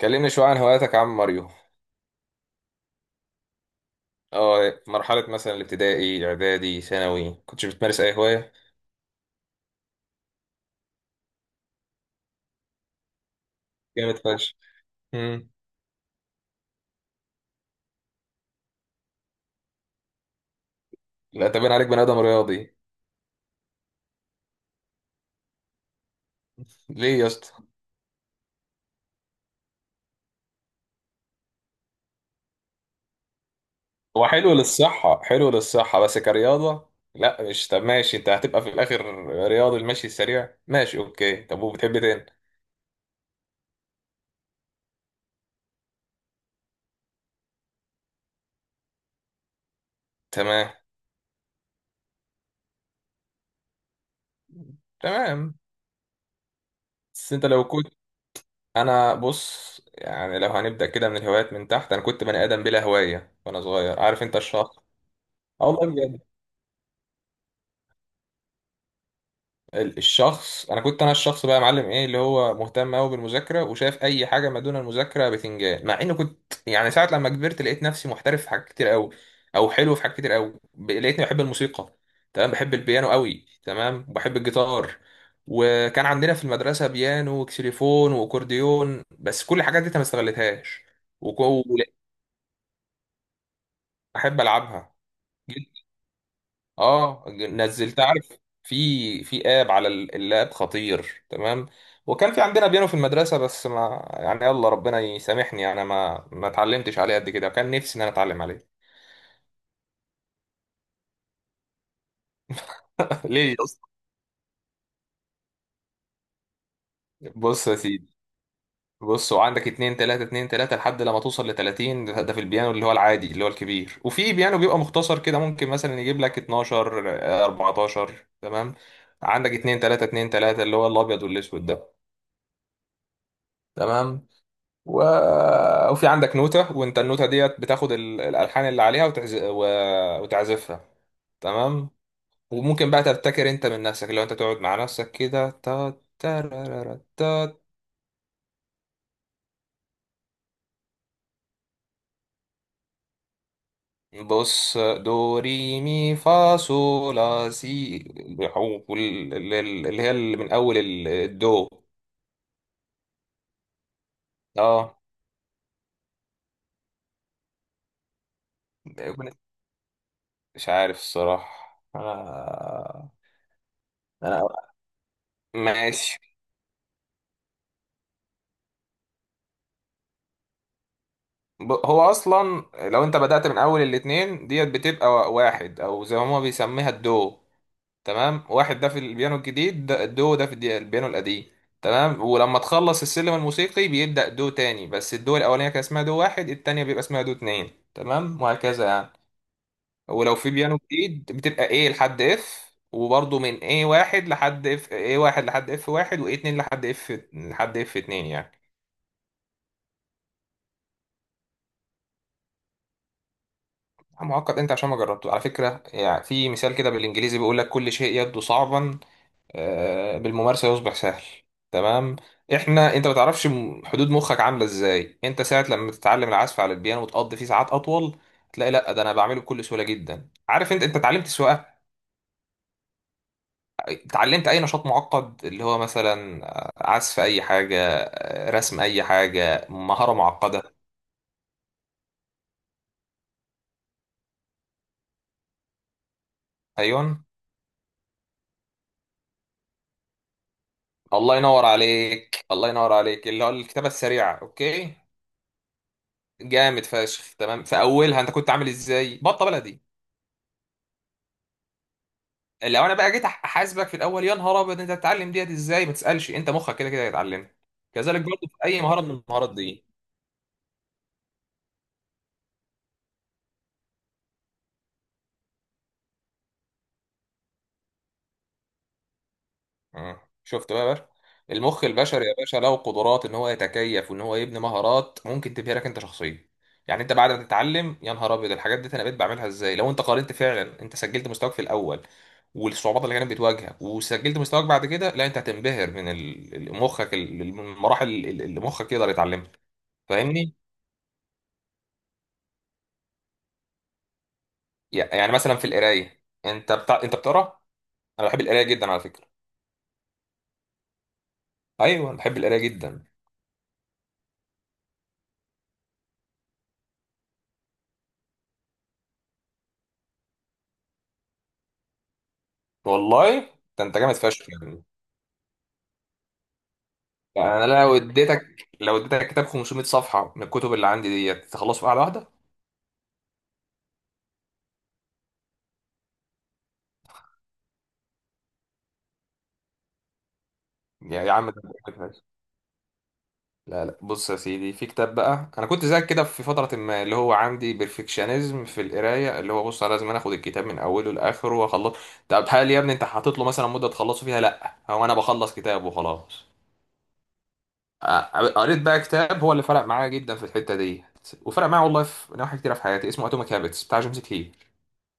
كلمني شوية عن هواياتك يا عم ماريو. اه مرحلة مثلا الابتدائي اعدادي ثانوي كنتش بتمارس اي هواية؟ جامد فشخ. امم لا، تبين عليك بني ادم رياضي. ليه يا اسطى؟ هو حلو للصحة، حلو للصحة، بس كرياضة. لا مش... طب ماشي، انت هتبقى في الاخر رياضي، المشي السريع ماشي، اوكي. طب وبتحب إيه تاني؟ تمام. تمام. بس انت لو كنت... انا بص يعني لو هنبدأ كده من الهوايات من تحت، انا كنت بني ادم بلا هواية وانا صغير، عارف انت الشخص؟ اه والله بجد. الشخص، انا كنت الشخص بقى يا معلم، ايه اللي هو مهتم قوي بالمذاكره وشايف اي حاجه ما دون المذاكره بتنجان. مع اني كنت يعني ساعه لما كبرت لقيت نفسي محترف في حاجات كتير قوي. او حلو، في حاجات كتير قوي لقيتني بحب الموسيقى. تمام، بحب البيانو قوي، تمام، وبحب الجيتار. وكان عندنا في المدرسه بيانو وكسيليفون واكورديون بس كل الحاجات دي أنا ما استغلتهاش. وك- ولا- احب العبها. اه، نزلت عارف، في في اب على اللاب خطير. تمام. وكان في عندنا بيانو في المدرسه بس ما يعني يلا ربنا يسامحني، انا ما اتعلمتش عليه قد كده. كان نفسي ان انا اتعلم عليه. ليه يا اسطى؟ بص يا سيدي. بص، وعندك اتنين تلاتة، اتنين تلاتة، لحد لما توصل لتلاتين. ده ده في البيانو اللي هو العادي اللي هو الكبير، وفي بيانو بيبقى مختصر كده ممكن مثلا يجيب لك اتناشر، اربعتاشر. تمام. عندك اتنين تلاتة، اتنين تلاتة، اللي هو الابيض والاسود ده. تمام. و... وفي عندك نوتة، وانت النوتة ديت بتاخد الألحان اللي عليها وتعزفها. تمام. وممكن بقى تبتكر انت من نفسك، لو انت تقعد مع نفسك كده، تا تارارارا تا. بص، دو ري مي فا صو لا سي. اللي هي اللي من أول الدو. اه. مش عارف الصراحة، انا. انا ماشي. هو اصلا لو انت بدأت من اول الاتنين ديت بتبقى واحد، او زي ما هما بيسميها الدو. تمام. واحد ده في البيانو الجديد، ده الدو، ده في البيانو القديم. تمام. ولما تخلص السلم الموسيقي بيبدأ دو تاني، بس الدو الاولانية كان اسمها دو واحد، التانية بيبقى اسمها دو اتنين. تمام وهكذا يعني. ولو في بيانو جديد بتبقى ايه لحد اف، وبرضه من ايه واحد لحد اف، ايه واحد لحد اف واحد، وايه اتنين لحد اف... لحد اف اتنين يعني. معقد انت عشان ما جربته، على فكرة. يعني في مثال كده بالانجليزي بيقول لك كل شيء يبدو صعبا، بالممارسة يصبح سهل. تمام. احنا انت ما تعرفش حدود مخك عاملة ازاي. انت ساعة لما تتعلم العزف على البيانو وتقضي فيه ساعات اطول تلاقي لا، ده انا بعمله بكل سهولة جدا. عارف انت؟ انت اتعلمت سواقة، اتعلمت اي نشاط معقد اللي هو مثلا عزف اي حاجة، رسم اي حاجة، مهارة معقدة؟ ايوه. الله ينور عليك، الله ينور عليك، اللي هو الكتابة السريعة، اوكي. جامد فشخ. تمام. في اولها انت كنت عامل ازاي؟ بطه بلدي. لو انا بقى جيت احاسبك في الاول يا نهار ابيض انت هتتعلم ديت ازاي؟ ما تسالش، انت مخك كده كده هيتعلمها. كذلك برضه في اي مهاره من المهارات دي. مم. شفت بقى يا باشا؟ المخ البشري يا باشا له قدرات ان هو يتكيف وان هو يبني مهارات ممكن تبهرك لك انت شخصيا. يعني انت بعد ما تتعلم يا نهار ابيض الحاجات دي، انا بقيت بعملها ازاي لو انت قارنت؟ فعلا، انت سجلت مستواك في الاول والصعوبات اللي كانت بتواجهها، وسجلت مستواك بعد كده، لا انت هتنبهر من مخك، المراحل اللي مخك يقدر يتعلمها. فاهمني؟ يعني مثلا في القرايه، انت انت بتقرا؟ انا بحب القرايه جدا على فكره. ايوه بحب القرايه جدا. والله ده انت جامد فشخ يعني. يعني انا لو اديتك، لو اديتك كتاب 500 صفحه من الكتب اللي عندي ديت تخلصه في قعده واحده. يا يا عم ده مش ماشي. لا لا، بص يا سيدي، في كتاب بقى انا كنت زيك كده في فتره، ما اللي هو عندي بيرفكشنزم في القرايه، اللي هو بص انا لازم أنا اخد الكتاب من اوله لاخره واخلصه. طب هل يا ابني انت حاطط له مثلا مده تخلصه فيها؟ لا، هو انا بخلص كتاب وخلاص. آه، قريت بقى كتاب هو اللي فرق معايا جدا في الحته دي، وفرق معايا والله في نواحي كتيره في حياتي، اسمه اتوميك هابتس بتاع جيمس كلير، اللي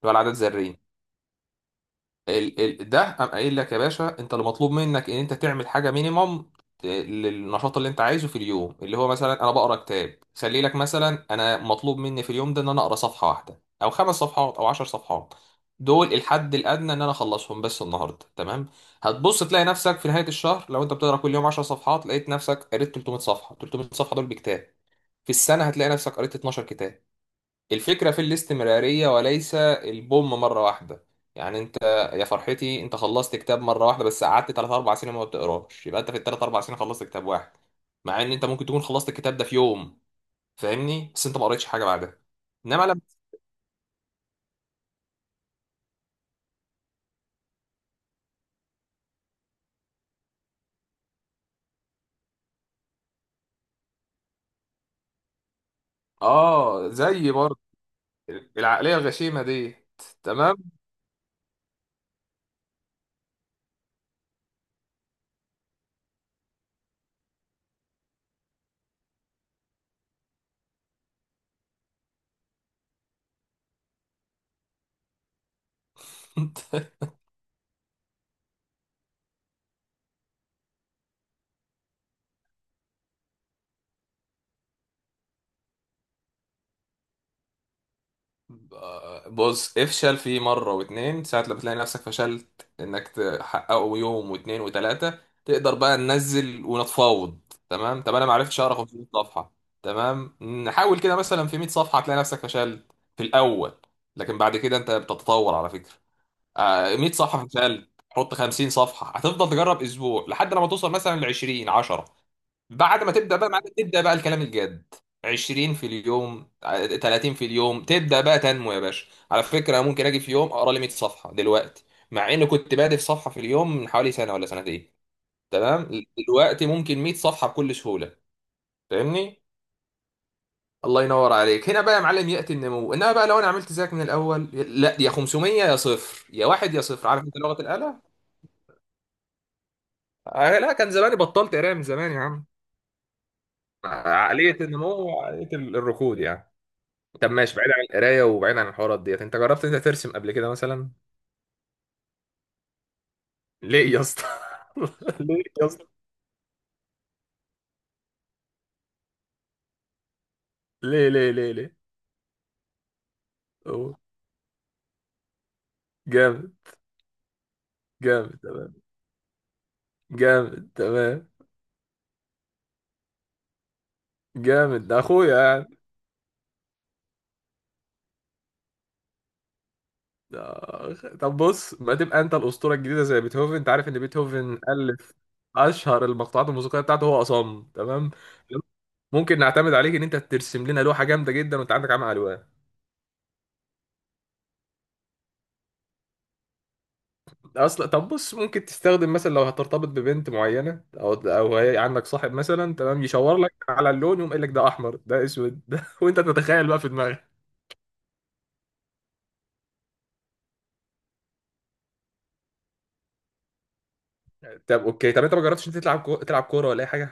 هو العادات الذريه. ال ال ده قام قايل لك يا باشا انت اللي مطلوب منك ان انت تعمل حاجه مينيمم للنشاط اللي انت عايزه في اليوم، اللي هو مثلا انا بقرا كتاب، خلي لك مثلا انا مطلوب مني في اليوم ده ان انا اقرا صفحه واحده، او خمس صفحات، او عشر صفحات. دول الحد الادنى ان انا اخلصهم بس النهارده. تمام. هتبص تلاقي نفسك في نهايه الشهر لو انت بتقرا كل يوم 10 صفحات، لقيت نفسك قريت 300 صفحه. 300 صفحه دول بكتاب. في السنه هتلاقي نفسك قريت 12 كتاب. الفكرة في الاستمرارية وليس البوم مرة واحدة. يعني انت... يا فرحتي انت خلصت كتاب مرة واحدة بس قعدت 3 4 سنين ما بتقراش، يبقى انت في الثلاث اربع سنين خلصت كتاب واحد، مع ان انت ممكن تكون خلصت الكتاب ده في يوم. فاهمني؟ بس انت ما قريتش حاجة بعدها. انما لما... اه زي برضه العقلية الغشيمة دي. تمام. بص، افشل فيه مرة واتنين، ساعة لما تلاقي نفسك فشلت انك تحققه يوم واتنين وتلاتة، تقدر بقى ننزل ونتفاوض. تمام. طب انا ما عرفتش اقرا 500 صفحة؟ تمام. نحاول كده مثلا في 100 صفحة. تلاقي نفسك فشلت في الاول، لكن بعد كده انت بتتطور على فكرة. 100 صفحة فشلت، حط 50 صفحة. هتفضل تجرب اسبوع لحد لما توصل مثلا ل 20، 10. بعد ما تبدا بقى معاك تبدا بقى الكلام الجاد، 20 في اليوم، 30 في اليوم، تبدا بقى تنمو يا باشا. على فكره ممكن اجي في يوم اقرا لي 100 صفحه دلوقتي، مع اني كنت بادئ في صفحه في اليوم من حوالي سنه ولا سنتين. تمام. دلوقتي ممكن 100 صفحه بكل سهوله. فاهمني؟ الله ينور عليك. هنا بقى يا معلم ياتي النمو. انما بقى لو انا عملت زيك من الاول، لا يا 500 يا صفر، يا واحد يا صفر، عارف انت لغه الاله. لا كان زماني بطلت قرايه من زمان يا عم. عقليه النمو وعقليه الركود يعني. طب ماشي، بعيد عن القرايه وبعيد عن الحوارات ديت، انت جربت انت ترسم قبل كده مثلا؟ ليه يا اسطى؟ ليه يا اسطى؟ ليه ليه ليه ليه؟ أوه. جامد. جامد تمام. جامد تمام. جامد ده اخويا يعني. ده... طب بص، ما تبقى انت الاسطوره الجديده زي بيتهوفن. انت عارف ان بيتهوفن الف اشهر المقطوعات الموسيقيه بتاعته هو اصم. تمام. ممكن نعتمد عليك ان انت ترسم لنا لوحه جامده جدا وانت عندك عمى الوان. اصلا طب بص، ممكن تستخدم مثلا لو هترتبط ببنت معينه، او او هي عندك صاحب مثلا تمام، يشاور لك على اللون، يقوم قايل لك ده احمر ده اسود ده وانت تتخيل بقى في دماغك. طب اوكي، طب انت ما جربتش انت تلعب كوره ولا اي حاجه؟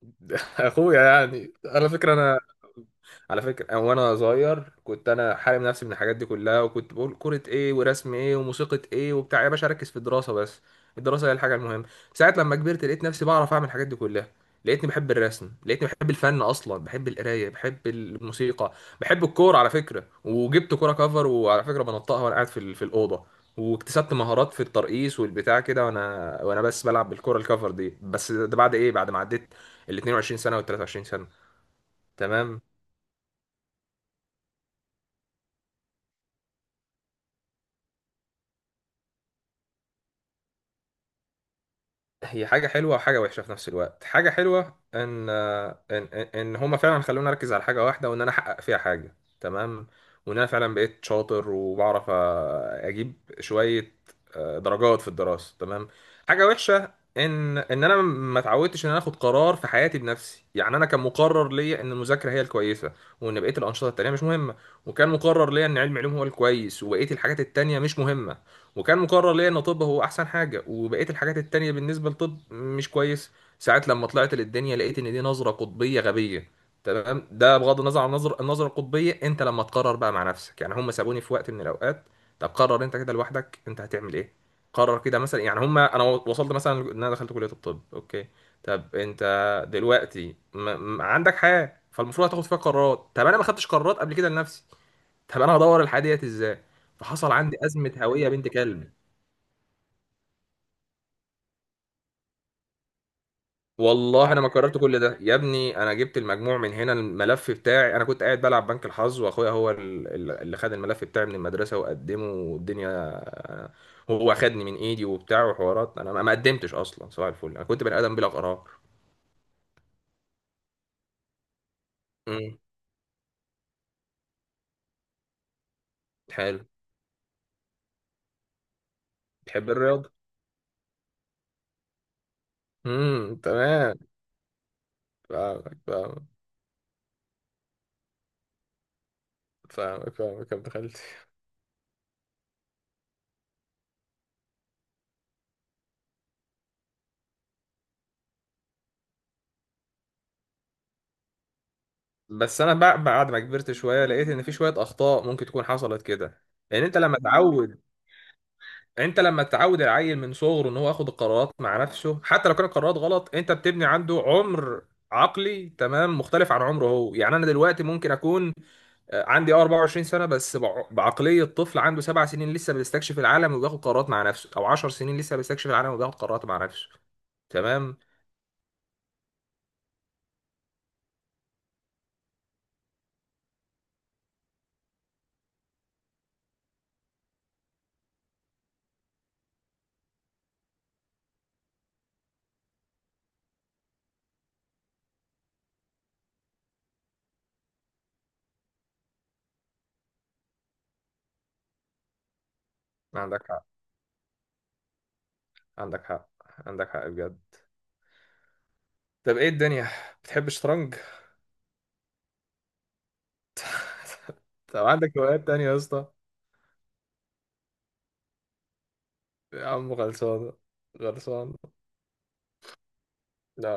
اخويا يعني على فكره انا. على فكرة أنا وأنا صغير كنت أنا حارم نفسي من الحاجات دي كلها، وكنت بقول كرة إيه ورسم إيه وموسيقى إيه وبتاع، يا باشا أركز في الدراسة بس، الدراسة هي الحاجة المهمة. ساعة لما كبرت لقيت نفسي بعرف أعمل الحاجات دي كلها. لقيتني بحب الرسم، لقيتني بحب الفن أصلا، بحب القراية، بحب الموسيقى، بحب الكورة على فكرة. وجبت كورة كفر، وعلى فكرة بنطقها وأنا قاعد في في الأوضة، واكتسبت مهارات في الترقيص والبتاع كده وأنا وأنا بس بلعب بالكورة الكفر دي. بس ده بعد إيه؟ بعد ما عديت ال 22 سنة وال 23 سنة. تمام. هي حاجة حلوة وحاجة وحشة في نفس الوقت. حاجة حلوة ان إن هما فعلا خلوني اركز على حاجة واحدة وان انا احقق فيها حاجة. تمام. وان انا فعلا بقيت شاطر وبعرف اجيب شوية درجات في الدراسة. تمام. حاجة وحشة ان ان انا ما اتعودتش ان انا اخد قرار في حياتي بنفسي. يعني انا كان مقرر ليا ان المذاكرة هي الكويسة، وان بقية الانشطة التانية مش مهمة. وكان مقرر ليا ان علم علوم هو الكويس وبقية الحاجات التانية مش مهمة. وكان مقرر ليا ان طب هو احسن حاجه وبقيه الحاجات التانية بالنسبه لطب مش كويس. ساعات لما طلعت للدنيا لقيت ان دي نظره قطبيه غبيه. تمام. ده بغض النظر عن النظره القطبيه، انت لما تقرر بقى مع نفسك، يعني هم سابوني في وقت من الاوقات: طب قرر انت كده لوحدك انت هتعمل ايه. قرر كده مثلا. يعني هم انا وصلت مثلا ان انا دخلت كليه الطب، اوكي. طب انت دلوقتي عندك حياه، فالمفروض هتاخد فيها قرارات. طب انا ما خدتش قرارات قبل كده لنفسي. طب انا هدور الحياه ديت ازاي؟ فحصل عندي ازمه هويه بنت كلب. والله انا ما قررت كل ده يا ابني. انا جبت المجموع من هنا، الملف بتاعي انا كنت قاعد بلعب بنك الحظ، واخويا هو اللي خد الملف بتاعي من المدرسه وقدمه والدنيا. هو خدني من ايدي وبتاع وحوارات، انا ما قدمتش اصلا صباح الفل، انا كنت بني ادم بلا قرار. امم حلو. تحب الرياضه. تمام. فاهمك فاهمك. فاهمك فاهمك يا ابن خالتي. بس انا بعد ما كبرت شويه لقيت ان في شويه اخطاء ممكن تكون حصلت كده. لان انت لما تعود... انت لما تعود العيل من صغره ان هو ياخد القرارات مع نفسه، حتى لو كانت القرارات غلط، انت بتبني عنده عمر عقلي تمام مختلف عن عمره هو. يعني انا دلوقتي ممكن اكون عندي 24 سنه بس بعقليه طفل عنده سبع سنين لسه بيستكشف العالم وبياخد قرارات مع نفسه، او 10 سنين لسه بيستكشف العالم وبياخد قرارات مع نفسه. تمام. عندك حق. عندك حق. عندك حق بجد. طب ايه الدنيا، بتحب الشطرنج؟ طب عندك هوايات تانية يا اسطى؟ يا عم خلصانه. خلصانه. لا.